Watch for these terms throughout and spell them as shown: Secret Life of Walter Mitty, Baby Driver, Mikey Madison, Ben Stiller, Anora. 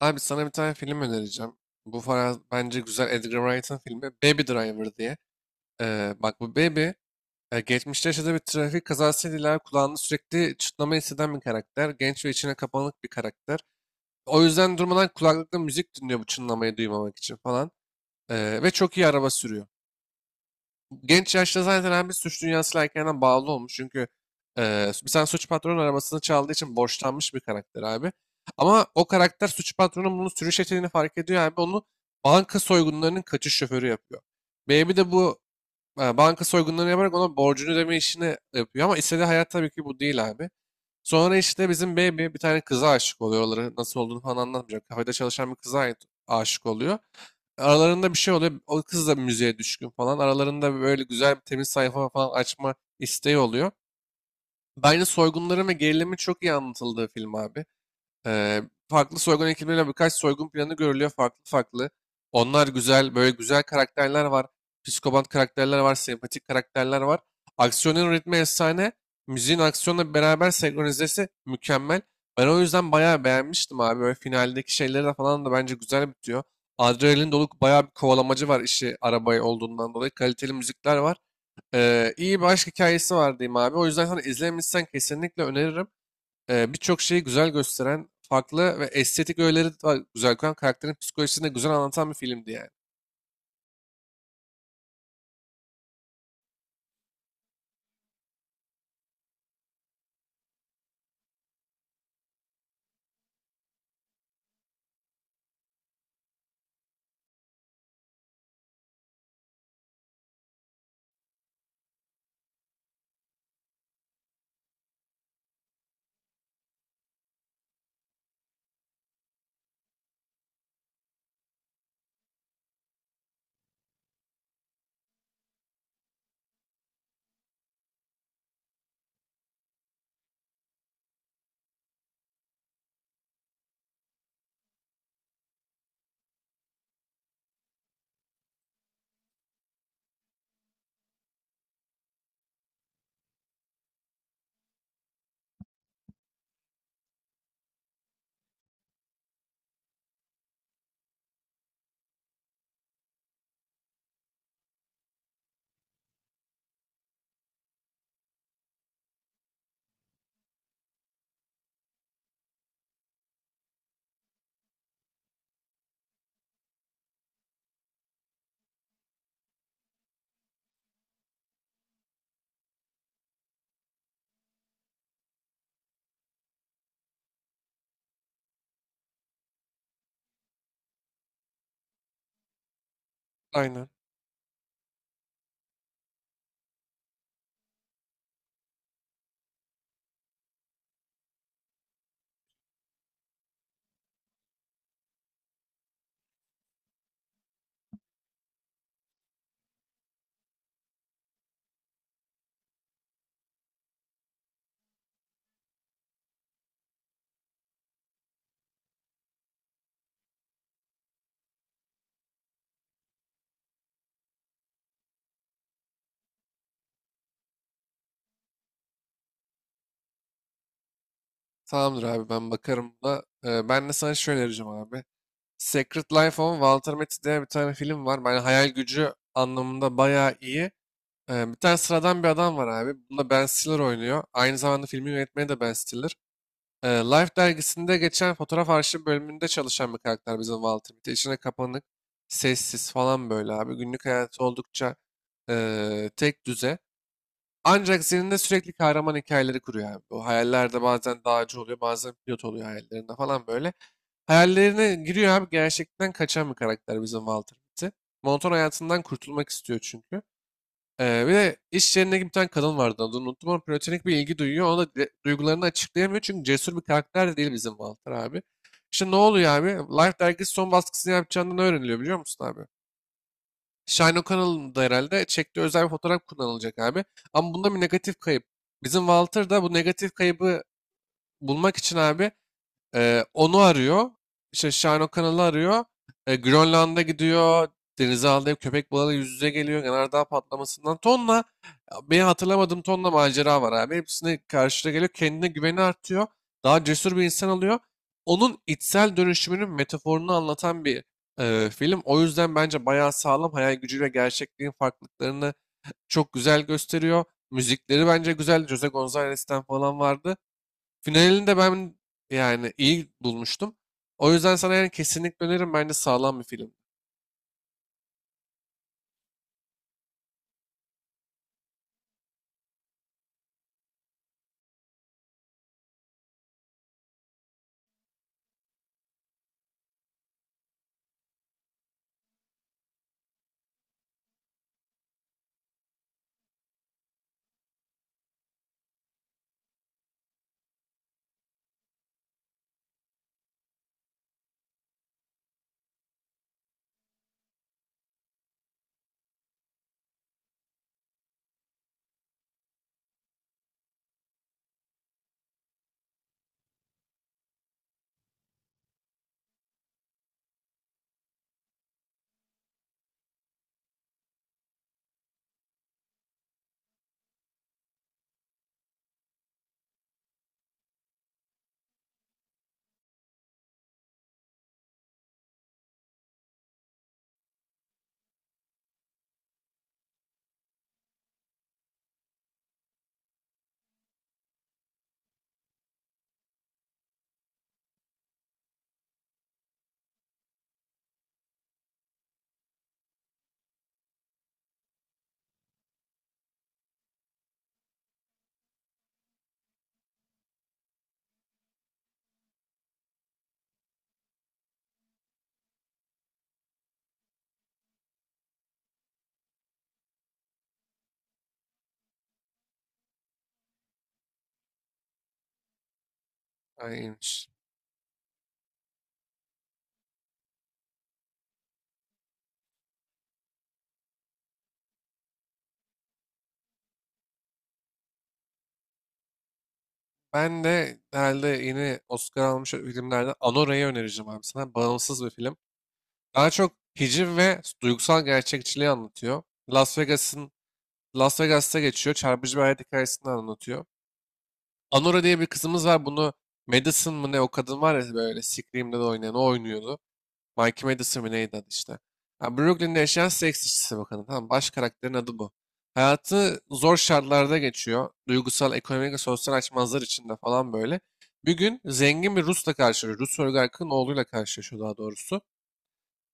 Abi sana bir tane film önereceğim. Bu falan bence güzel Edgar Wright'ın filmi Baby Driver diye. Bak bu Baby geçmişte yaşadığı bir trafik kazasıyla ileride kulağında sürekli çınlama hisseden bir karakter. Genç ve içine kapanık bir karakter. O yüzden durmadan kulaklıkla müzik dinliyor bu çınlamayı duymamak için falan. Ve çok iyi araba sürüyor. Genç yaşta zaten hem bir suç dünyasıyla erkenden bağlı olmuş. Çünkü bir tane suç patronun arabasını çaldığı için borçlanmış bir karakter abi. Ama o karakter suç patronun bunu sürüş yeteneğini fark ediyor abi. Onu banka soygunlarının kaçış şoförü yapıyor. Baby de bu banka soygunlarını yaparak ona borcunu ödeme işini yapıyor. Ama istediği hayat tabii ki bu değil abi. Sonra işte bizim Baby bir tane kıza aşık oluyor. Oraları nasıl olduğunu falan anlatmayacağım. Kafede çalışan bir kıza aşık oluyor. Aralarında bir şey oluyor. O kız da müziğe düşkün falan. Aralarında böyle güzel bir temiz sayfa falan açma isteği oluyor. Bence soygunların ve gerilimin çok iyi anlatıldığı film abi. Eee, Farklı soygun ekipleriyle birkaç soygun planı görülüyor farklı farklı. Onlar güzel, böyle güzel karakterler var. Psikopat karakterler var, sempatik karakterler var. Aksiyonun ritmi efsane. Müziğin aksiyonla beraber senkronizesi mükemmel. Ben o yüzden bayağı beğenmiştim abi. Böyle finaldeki şeyleri de falan da bence güzel bitiyor. Adrenalin dolu bayağı bir kovalamacı var işi arabayı olduğundan dolayı. Kaliteli müzikler var. İyi bir aşk hikayesi var diyeyim abi. O yüzden sana izlemişsen kesinlikle öneririm birçok şeyi güzel gösteren, farklı ve estetik öğeleri de güzel koyan, karakterin psikolojisini de güzel anlatan bir filmdi yani. Aynen. Tamamdır abi ben bakarım da. E, ben de sana şöyle önereceğim abi. Secret Life of Walter Mitty diye bir tane film var. Ben hayal gücü anlamında bayağı iyi. E, bir tane sıradan bir adam var abi. Bunda Ben Stiller oynuyor. Aynı zamanda filmi yönetmeni de Ben Stiller. Life dergisinde geçen fotoğraf arşiv bölümünde çalışan bir karakter bizim Walter Mitty. İçine kapanık, sessiz falan böyle abi. Günlük hayatı oldukça tek düze. Ancak zihninde sürekli kahraman hikayeleri kuruyor abi. Bu hayallerde bazen dağcı oluyor, bazen pilot oluyor hayallerinde falan böyle. Hayallerine giriyor abi. Gerçekten kaçan bir karakter bizim Walter Mitty. Monoton hayatından kurtulmak istiyor çünkü. Bir de iş yerine bir tane kadın vardı adını unuttum ama platonik bir ilgi duyuyor. Ona da duygularını açıklayamıyor çünkü cesur bir karakter de değil bizim Walter abi. İşte ne oluyor abi? Life dergisi son baskısını yapacağından öğreniliyor biliyor musun abi? Shine O'Connell'ın da herhalde çektiği özel bir fotoğraf kullanılacak abi. Ama bunda bir negatif kayıp. Bizim Walter da bu negatif kaybı bulmak için abi onu arıyor. İşte Shine O'Connell'ı arıyor. E, Grönland'a gidiyor. Denize aldığı köpek balığıyla yüz yüze geliyor. Yanardağ patlamasından tonla benim hatırlamadığım tonla macera var abi. Hepsine karşına geliyor. Kendine güveni artıyor. Daha cesur bir insan oluyor. Onun içsel dönüşümünün metaforunu anlatan bir film. O yüzden bence bayağı sağlam. Hayal gücüyle gerçekliğin farklılıklarını çok güzel gösteriyor. Müzikleri bence güzel. Jose Gonzalez'ten falan vardı. Finalini de ben yani iyi bulmuştum. O yüzden sana yani kesinlikle öneririm. Bence sağlam bir film. Aynen. Ben de herhalde yeni Oscar almış filmlerden Anora'yı önereceğim abi sana. Bağımsız bir film. Daha çok hiciv ve duygusal gerçekçiliği anlatıyor. Las Vegas'ın Las Vegas'ta geçiyor. Çarpıcı bir hayat hikayesini anlatıyor. Anora diye bir kızımız var. Bunu Madison mı ne o kadın var ya böyle Scream'de de oynayan o oynuyordu. Mikey Madison mi neydi adı işte. Ha, Brooklyn'de yaşayan seks işçisi bakanı. Tamam baş karakterin adı bu. Hayatı zor şartlarda geçiyor. Duygusal, ekonomik ve sosyal açmazlar içinde falan böyle. Bir gün zengin bir Rus'la karşılaşıyor. Rus oligarkın oğluyla karşılaşıyor daha doğrusu.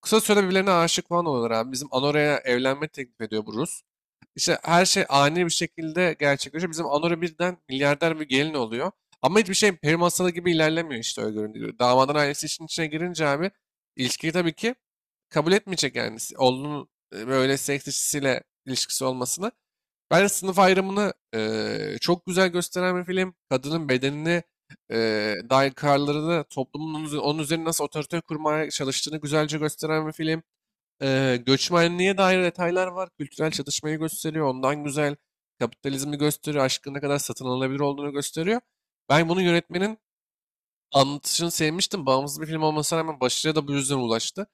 Kısa süre birbirlerine aşık falan oluyorlar abi. Bizim Anora'ya evlenme teklif ediyor bu Rus. İşte her şey ani bir şekilde gerçekleşiyor. Bizim Anora birden milyarder bir gelin oluyor. Ama hiçbir şey peri masalı gibi ilerlemiyor işte öyle görünüyor. Damadın ailesi işin içine girince abi ilişkiyi tabii ki kabul etmeyecek yani. Oğlunun böyle seks işçisiyle ilişkisi olmasını. Ben de sınıf ayrımını çok güzel gösteren bir film. Kadının bedenini e, dair kararlarını toplumun onun üzerine nasıl otorite kurmaya çalıştığını güzelce gösteren bir film. Göçmenliğe dair detaylar var. Kültürel çatışmayı gösteriyor. Ondan güzel kapitalizmi gösteriyor. Aşkın ne kadar satın alınabilir olduğunu gösteriyor. Ben bunu yönetmenin anlatışını sevmiştim. Bağımsız bir film olmasına rağmen başarıya da bu yüzden ulaştı.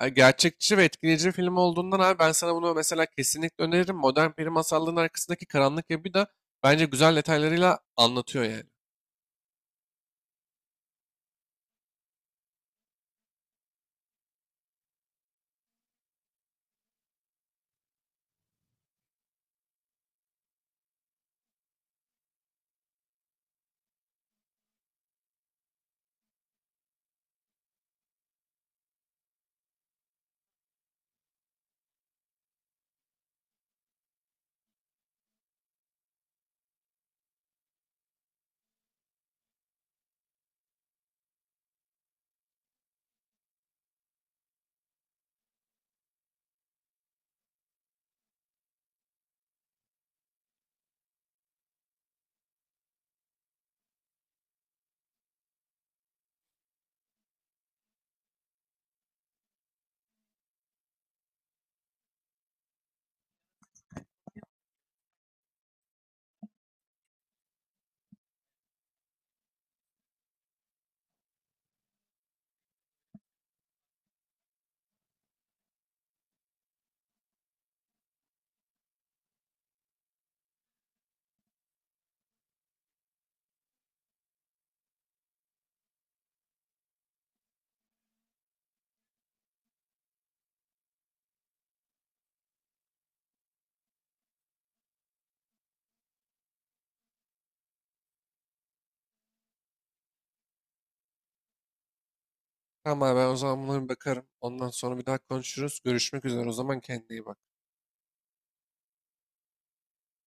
Yani gerçekçi ve etkileyici bir film olduğundan abi ben sana bunu mesela kesinlikle öneririm. Modern peri masallarının arkasındaki karanlık yapı da bence güzel detaylarıyla anlatıyor yani. Tamam abi ben o zaman buna bir bakarım. Ondan sonra bir daha konuşuruz. Görüşmek üzere o zaman kendine iyi bak.